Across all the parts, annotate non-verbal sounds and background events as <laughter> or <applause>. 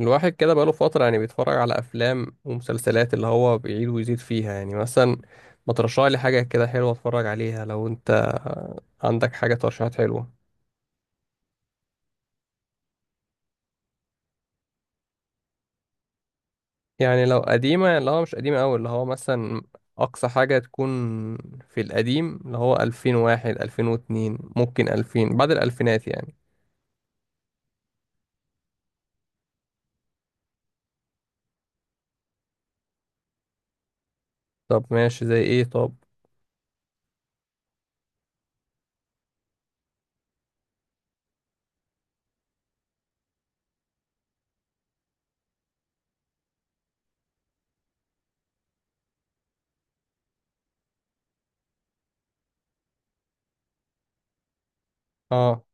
الواحد كده بقاله فترة، يعني بيتفرج على أفلام ومسلسلات اللي هو بيعيد ويزيد فيها، يعني مثلا ما ترشح لي حاجة كده حلوة أتفرج عليها لو أنت عندك حاجة، ترشيحات حلوة. يعني لو قديمة، اللي هو مش قديمة أوي، اللي هو مثلا أقصى حاجة تكون في القديم، اللي هو 2001، 2002، ممكن 2000، بعد الألفينات يعني. طب ماشي، زي إيه؟ طب. آه.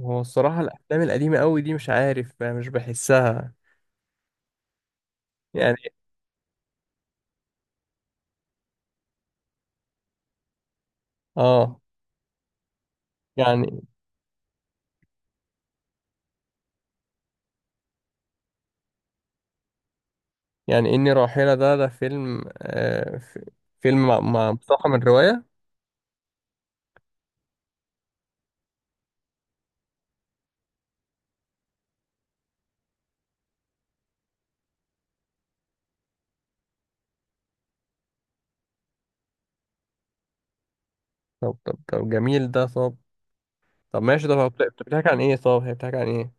هو الصراحة الأفلام القديمة أوي دي مش عارف، مش بحسها يعني. آه. يعني. يعني إني راحلة ده، فيلم، فيلم مستوحى من رواية. طب طب طب، جميل ده. طب طب ماشي، ده بتحكي عن إيه؟ طب هي بتحكي عن إيه؟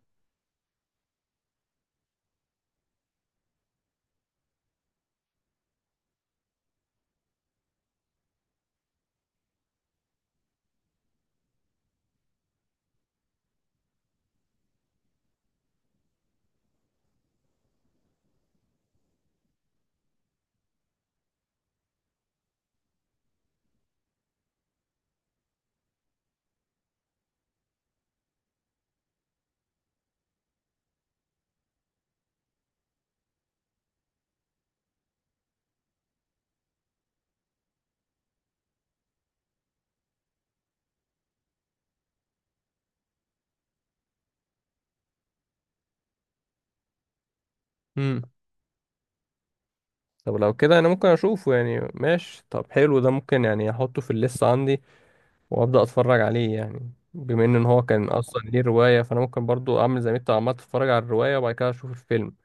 مم. طب لو كده أنا ممكن أشوفه يعني، ماشي. طب حلو ده، ممكن يعني أحطه في الليست عندي وأبدأ أتفرج عليه، يعني بما إن هو كان أصلا ليه رواية فأنا ممكن برضو أعمل زي ما أنت عمال، تتفرج على الرواية وبعد كده أشوف الفيلم.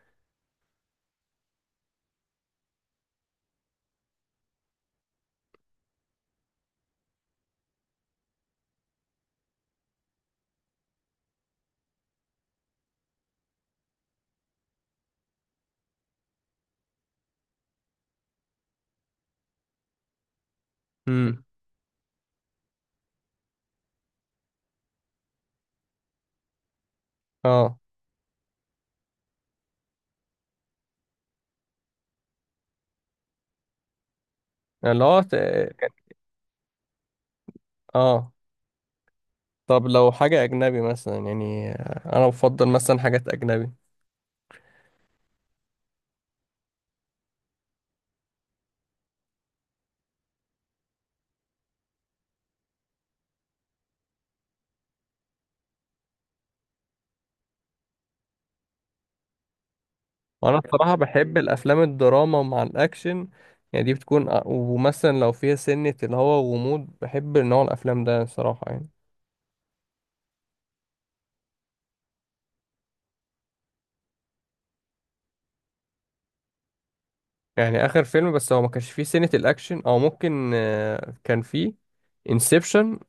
مم. اه. يعني لو اه، طب لو حاجة أجنبي مثلا يعني، أنا بفضل مثلا حاجات أجنبي. وانا بصراحة بحب الافلام الدراما مع الاكشن. يعني دي بتكون ومثلا لو فيها سنة، اللي هو غموض، بحب نوع الافلام ده صراحة يعني. يعني اخر فيلم، بس هو ما كانش فيه سنة الاكشن، او ممكن كان فيه انسبشن.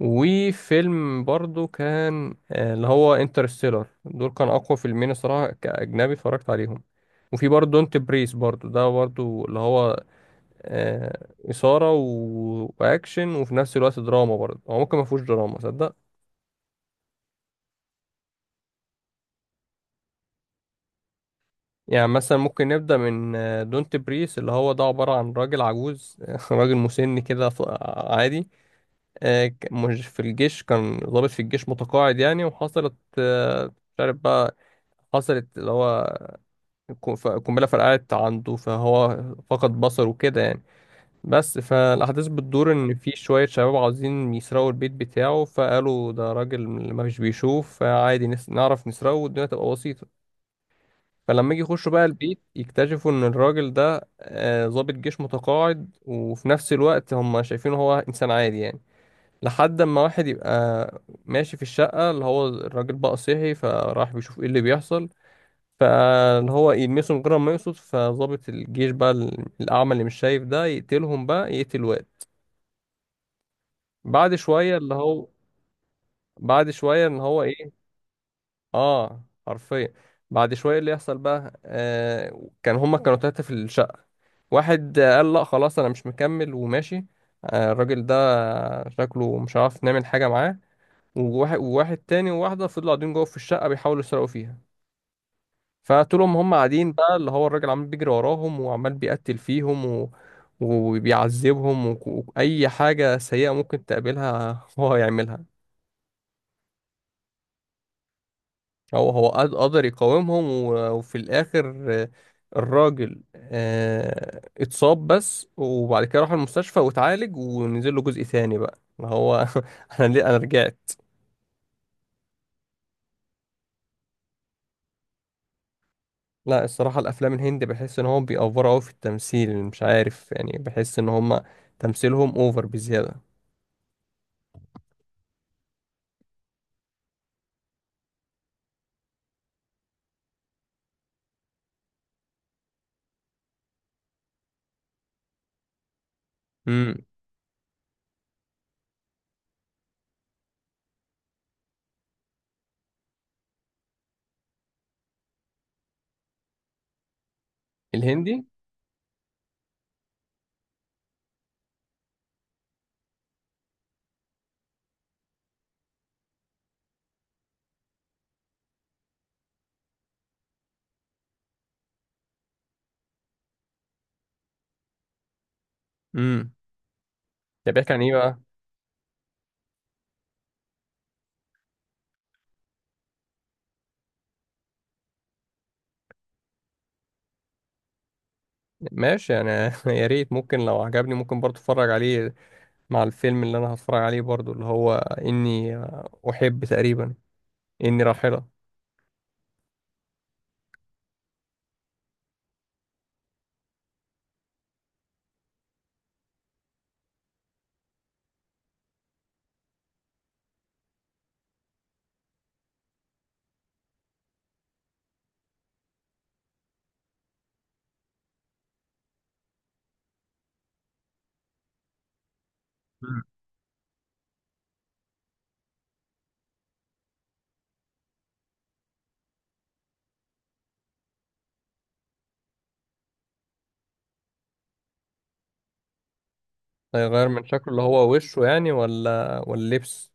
وفيلم برضو كان، اللي هو انترستيلر، دول كان اقوى فيلمين الصراحة كاجنبي اتفرجت عليهم. وفي برضه دونت بريس، برضه ده برضه اللي هو إثارة و... وأكشن، وفي نفس الوقت دراما، برضه هو ممكن ما فيهوش دراما صدق. يعني مثلا ممكن نبدأ من دونت بريس، اللي هو ده عبارة عن راجل عجوز <laughs> راجل مسن كده. عادي، مش في الجيش، كان ضابط في الجيش متقاعد يعني. وحصلت، مش عارف بقى، حصلت اللي هو قنبلة فرقعت عنده، فهو فقد بصره وكده يعني. بس فالأحداث بتدور إن في شوية شباب عاوزين يسرقوا البيت بتاعه، فقالوا ده راجل ما فيش بيشوف، فعادي نعرف نسرقه والدنيا تبقى بسيطة. فلما يجي يخشوا بقى البيت يكتشفوا إن الراجل ده ضابط جيش متقاعد، وفي نفس الوقت هم شايفينه هو إنسان عادي يعني. لحد ما واحد يبقى ماشي في الشقة، اللي هو الراجل بقى صحي فراح بيشوف إيه اللي بيحصل. فاللي هو يلمسه من غير ما يقصد، فضابط الجيش بقى الأعمى اللي مش شايف ده، يقتلهم بقى، يقتل واحد بعد شوية اللي هو. بعد شوية ان هو ايه. اه، حرفيا. بعد شوية اللي يحصل بقى، كان هما كانوا تلاتة في الشقة. واحد قال لا خلاص انا مش مكمل وماشي. الراجل ده شكله مش عارف نعمل حاجة معاه. وواحد تاني وواحدة فضلوا قاعدين جوه في الشقة بيحاولوا يسرقوا فيها. فطول ما هم قاعدين بقى اللي هو الراجل عمال بيجري وراهم، وعمال بيقتل فيهم و... وبيعذبهم، وأي حاجة سيئة ممكن تقابلها <laughs> هو يعملها. قدر يقاومهم، وفي الآخر، الراجل، اتصاب بس، وبعد كده راح المستشفى واتعالج ونزل له جزء ثاني بقى، ما هو <laughs> انا ليه انا رجعت. لا الصراحة الافلام الهندي بحس ان هم بيأفوروا قوي في التمثيل، مش عارف، يعني بحس ان هم تمثيلهم اوفر بزيادة. امم. الهندي. امم. ده بيحكي عن ايه بقى؟ ماشي انا <laughs> يا ريت، ممكن لو عجبني ممكن برضه اتفرج عليه، مع الفيلم اللي انا هتفرج عليه برضو، اللي هو اني احب تقريبا. اني راحلة. هيغير من شكله اللي هو وشه يعني، ولا لبس؟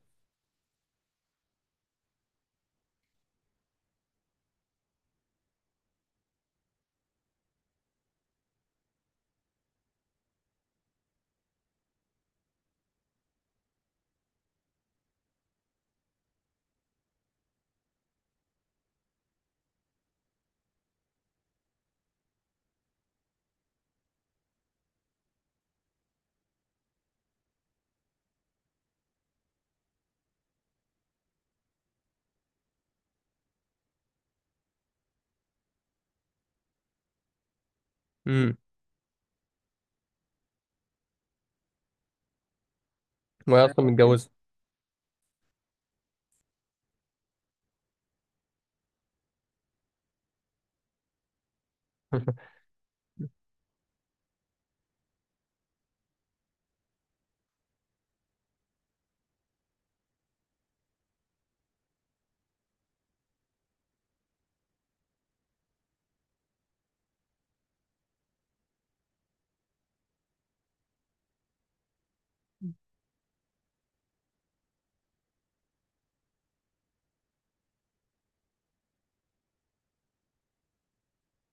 امم. وهي اصلا متجوزة؟ <laughs>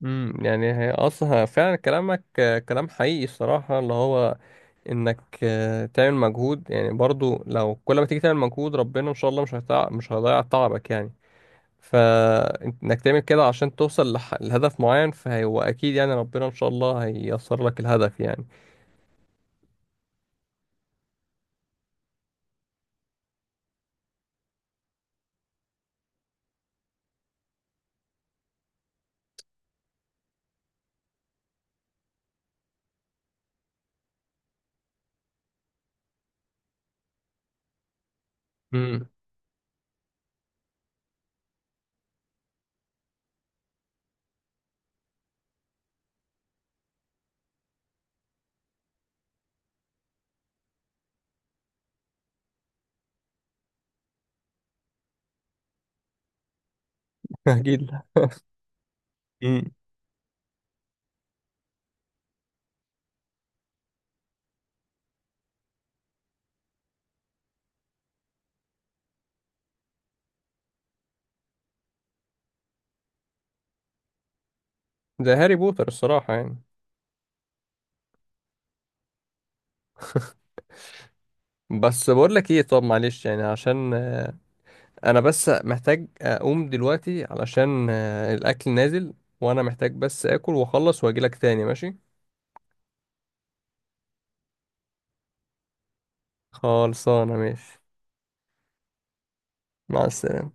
امم. يعني هي اصلا فعلا كلامك، كلام حقيقي الصراحة. اللي هو انك، تعمل مجهود، يعني برضو لو كل ما تيجي تعمل مجهود ربنا ان شاء الله مش هيضيع تعبك يعني. فانك تعمل كده عشان توصل لهدف معين، فهو اكيد يعني ربنا ان شاء الله هييسر لك الهدف يعني. مم. <laughs> اكيد لا. امم. زي هاري بوتر الصراحة يعني. بس بقول لك ايه، طب معلش يعني، عشان انا بس محتاج اقوم دلوقتي علشان الاكل نازل، وانا محتاج بس اكل واخلص واجي لك تاني، ماشي. خلصانة، ماشي، مع السلامة.